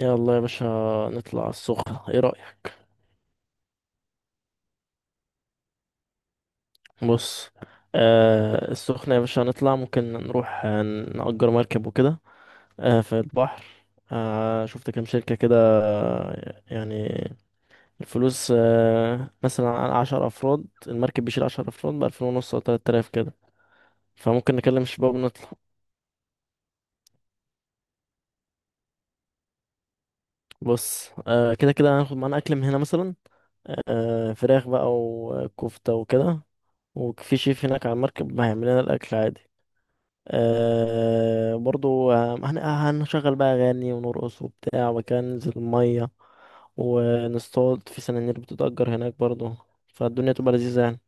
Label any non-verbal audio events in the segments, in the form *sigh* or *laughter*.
يلا يا باشا، نطلع على السخنة، ايه رأيك؟ بص. السخنة يا باشا، هنطلع، ممكن نروح نأجر مركب وكده. في البحر. شفت كام شركة كده. يعني الفلوس مثلا على 10 أفراد، المركب بيشيل 10 أفراد بألفين ونص أو 3000 كده. فممكن نكلم الشباب ونطلع. بص. كده كده هناخد معانا أكل من هنا مثلا، فراخ بقى وكفتة وكده. وفي شيف هناك على المركب هيعمل لنا الأكل عادي. برضو، هنشغل بقى أغاني ونرقص وبتاع، وكان ننزل المية ونصطاد في سنانير بتتأجر هناك برضو، فالدنيا تبقى لذيذة يعني.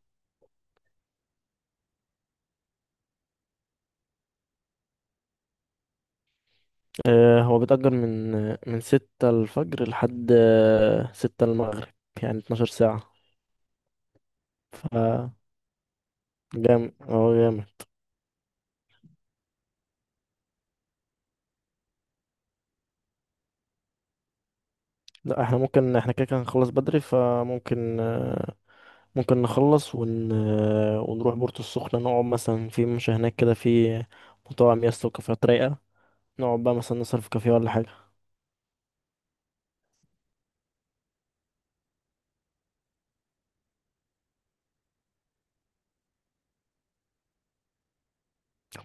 هو بيتأجر من 6 الفجر لحد 6 المغرب، يعني 12 ساعة. ف جامد، هو جامد. لا، احنا ممكن، احنا كده كده هنخلص بدري، فممكن آه، ممكن نخلص ون... آه، ونروح بورتو السخنة، نقعد مثلا في مش هناك كده، في مطاعم يا اسطى وكافيهات رايقة، نقعد بقى مثلا نسهر في كافيه ولا حاجة.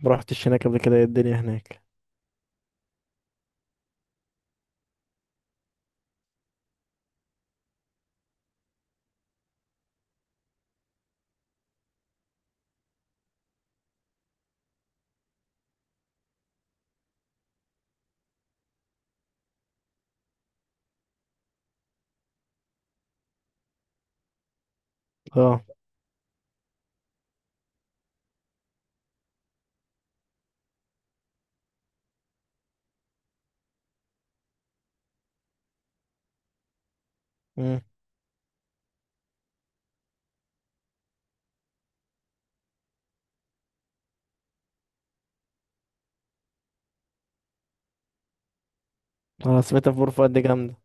ما رحتش هناك قبل كده، ايه الدنيا هناك؟ اه. مم. انا سمعت في بور فؤاد دي جامدة.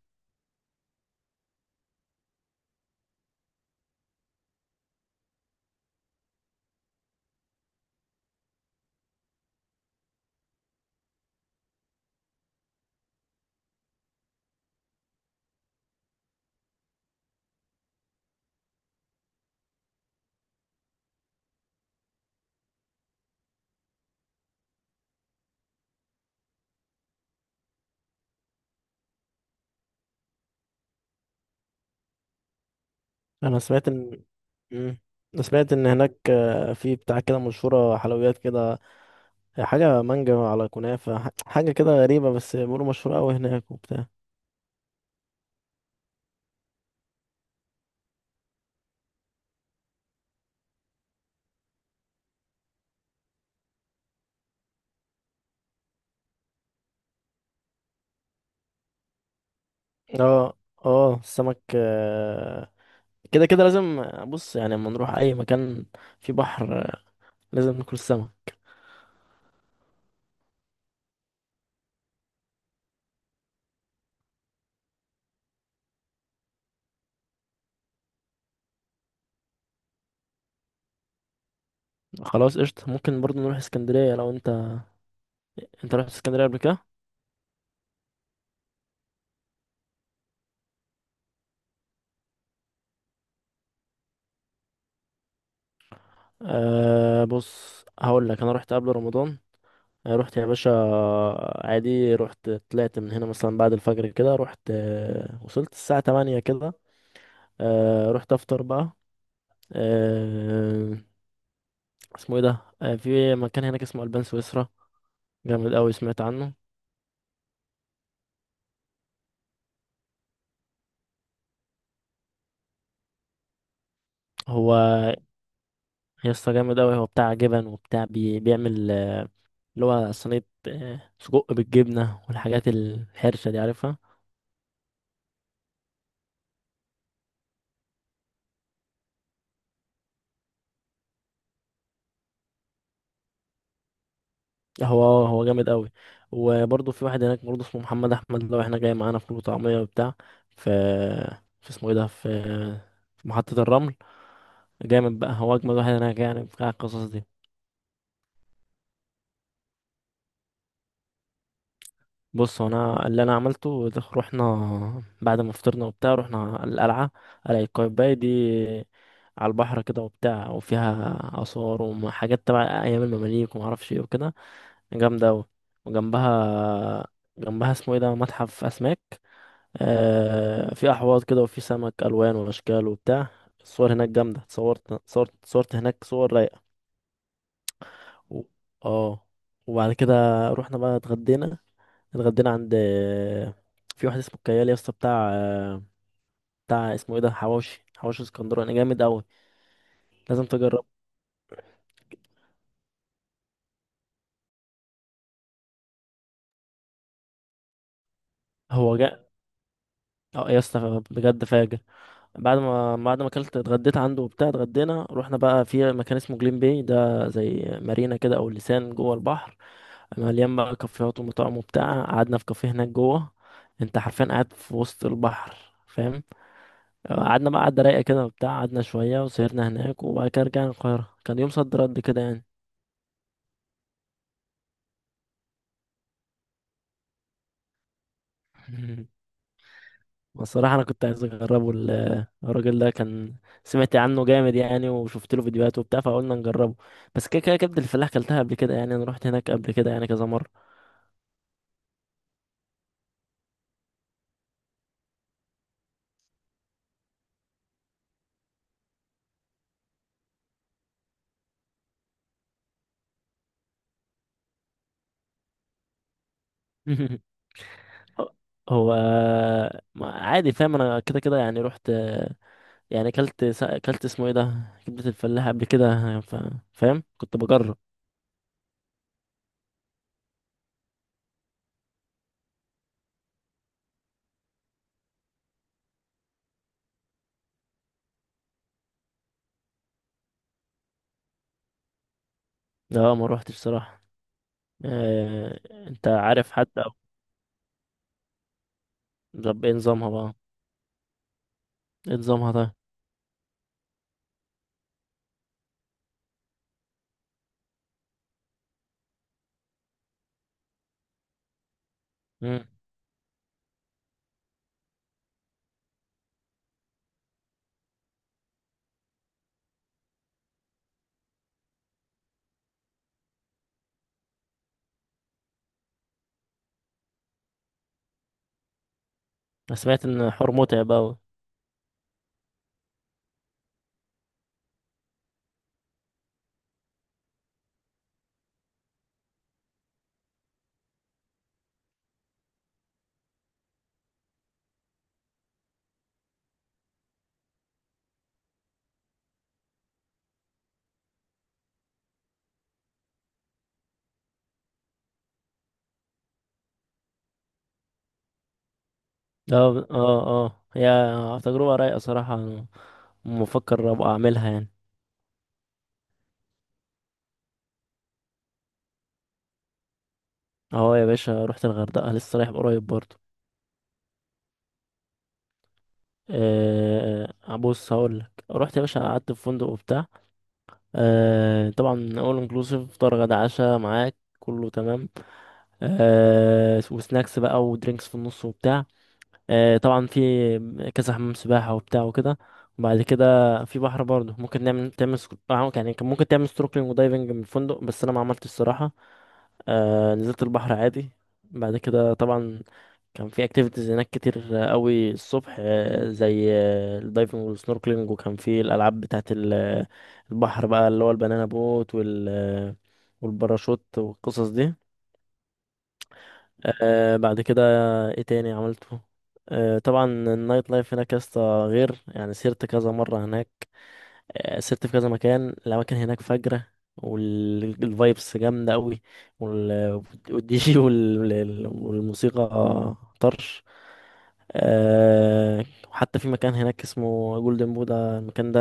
انا سمعت ان مم. انا سمعت ان هناك، في بتاع كده، مشهورة حلويات كده، حاجة مانجا على كنافة، حاجة كده غريبة، بس بيقولوا مشهورة اوي هناك وبتاع. اه. اه، السمك كده كده لازم. بص، يعني لما نروح اي مكان في بحر، لازم ناكل سمك. خلاص قشطة، ممكن برضو نروح اسكندرية لو انت رحت اسكندرية قبل كده؟ أه، بص، هقول لك، انا رحت قبل رمضان. أه، رحت يا باشا، عادي. رحت، طلعت من هنا مثلا بعد الفجر كده، رحت وصلت الساعة 8 كده. أه، رحت افطر بقى. أه، اسمه ايه ده، في مكان هناك اسمه البان سويسرا، جامد قوي، سمعت عنه. هو يا اسطى جامد قوي، هو بتاع جبن وبتاع، بيعمل اللي هو صينية، سجق بالجبنة والحاجات الحرشة دي عارفها. هو جامد قوي. وبرضه في واحد هناك برضه، اسمه محمد احمد، لو احنا جاي معانا فول وطعميه وبتاع، في في اسمه ايه ده، في محطه الرمل. جامد بقى، هو اجمد واحد هناك يعني، بتاع القصص دي. بص، هو انا اللي انا عملته ده، رحنا بعد ما فطرنا وبتاع، رحنا القلعه، قلعه قايتباي دي، على البحر كده وبتاع، وفيها اثار وحاجات تبع ايام المماليك وما اعرفش ايه وكده، جامده قوي. وجنبها اسمه ايه ده، متحف اسماك، في احواض كده وفي سمك الوان واشكال وبتاع. الصور هناك جامده، اتصورت، صورت هناك صور رايقه. و... اه وبعد كده رحنا بقى اتغدينا. اتغدينا عند في واحد اسمه كيال يا اسطى، بتاع اسمه ايه ده، حواوشي، حواوشي اسكندراني يعني جامد قوي. لازم تجرب. هو جاء. اه يا اسطى، بجد فاجر. بعد ما اكلت، اتغديت عنده وبتاع، اتغدينا، رحنا بقى في مكان اسمه جليم باي ده، زي مارينا كده او لسان جوه البحر، مليان بقى كافيهات ومطاعم وبتاع، قعدنا في كافيه هناك جوه. انت حرفيا قاعد في وسط البحر، فاهم. قعدنا بقى قعدة رايقة كده وبتاع، قعدنا شوية وسهرنا هناك، وبعد كده رجعنا القاهرة، كان يوم صد رد كده يعني. *laughs* بصراحة أنا كنت عايز أجربه، الراجل ده كان، سمعت عنه جامد يعني وشفت له فيديوهات وبتاع، فقلنا نجربه. بس كده كده كبد الفلاح كلتها قبل كده يعني، أنا رحت هناك قبل كده يعني كذا مرة. *laughs* هو عادي، فاهم. أنا كده كده يعني رحت، يعني اكلت اكلت اسمه ايه ده كبدة الفلاح قبل كده. فاهم، كنت بجرب. لا، ما روحتش صراحة. آه... انت عارف حد او. طب ايه نظامها بقى؟ ايه نظامها ده؟ مم. انا سمعت ان حوار متعب اوي. اه، اه، اه، هي تجربة رايقة صراحة، أنا مفكر ابقى اعملها يعني. اهو يا باشا، رحت الغردقة لسه رايح قريب برضه. أه، بص، هقول لك، رحت يا باشا، قعدت في فندق وبتاع. أه، طبعا اول انكلوسيف، فطار غدا عشاء معاك كله تمام. وسناكس بقى ودرينكس في النص وبتاع. طبعا في كذا حمام سباحة وبتاع وكده. وبعد كده في بحر برضه، ممكن تعمل يعني كان ممكن تعمل سnorkeling ودايفنج من الفندق، بس انا ما عملتش الصراحة. نزلت البحر عادي. بعد كده طبعا كان في اكتيفيتيز هناك كتير قوي الصبح، زي الدايفنج والسنوركلينج، وكان في الالعاب بتاعه البحر بقى، اللي هو البنانا بوت، والباراشوت والقصص دي. بعد كده ايه تاني عملته؟ طبعا النايت لايف هناك يا اسطى، غير يعني سيرت كذا مرة هناك. سيرت في كذا مكان، الأماكن هناك فجرة، والفايبس جامدة أوي، وال- *laughs* والدي جي والموسيقى طرش. وحتى في مكان هناك اسمه جولدن بودا، المكان ده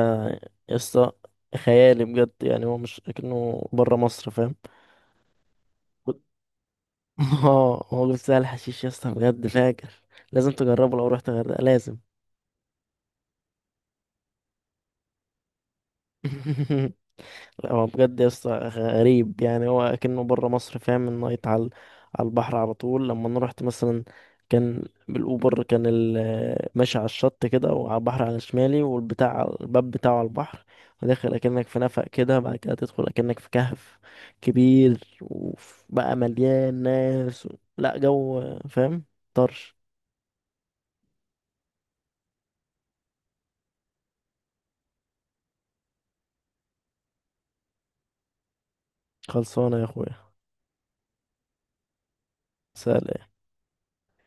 يا اسطى خيالي بجد يعني، هو مش كأنه بره مصر، فاهم. اه، هو جبت سهل حشيش يا اسطى، بجد فاجر، لازم تجربه، لو رحت الغردقة لازم. *laughs* لا، هو بجد يا اسطى غريب يعني، هو كأنه بره مصر، فاهم، النايت على البحر على طول. لما انا رحت مثلا، كان بالاوبر، كان ماشي على الشط كده، وعلى البحر على شمالي، والبتاع الباب بتاعه على البحر، وداخل اكنك في نفق كده، بعد كده تدخل اكنك في كهف كبير وبقى مليان ناس لا، جو، فاهم، طرش. خلصانه يا اخويا. سلام.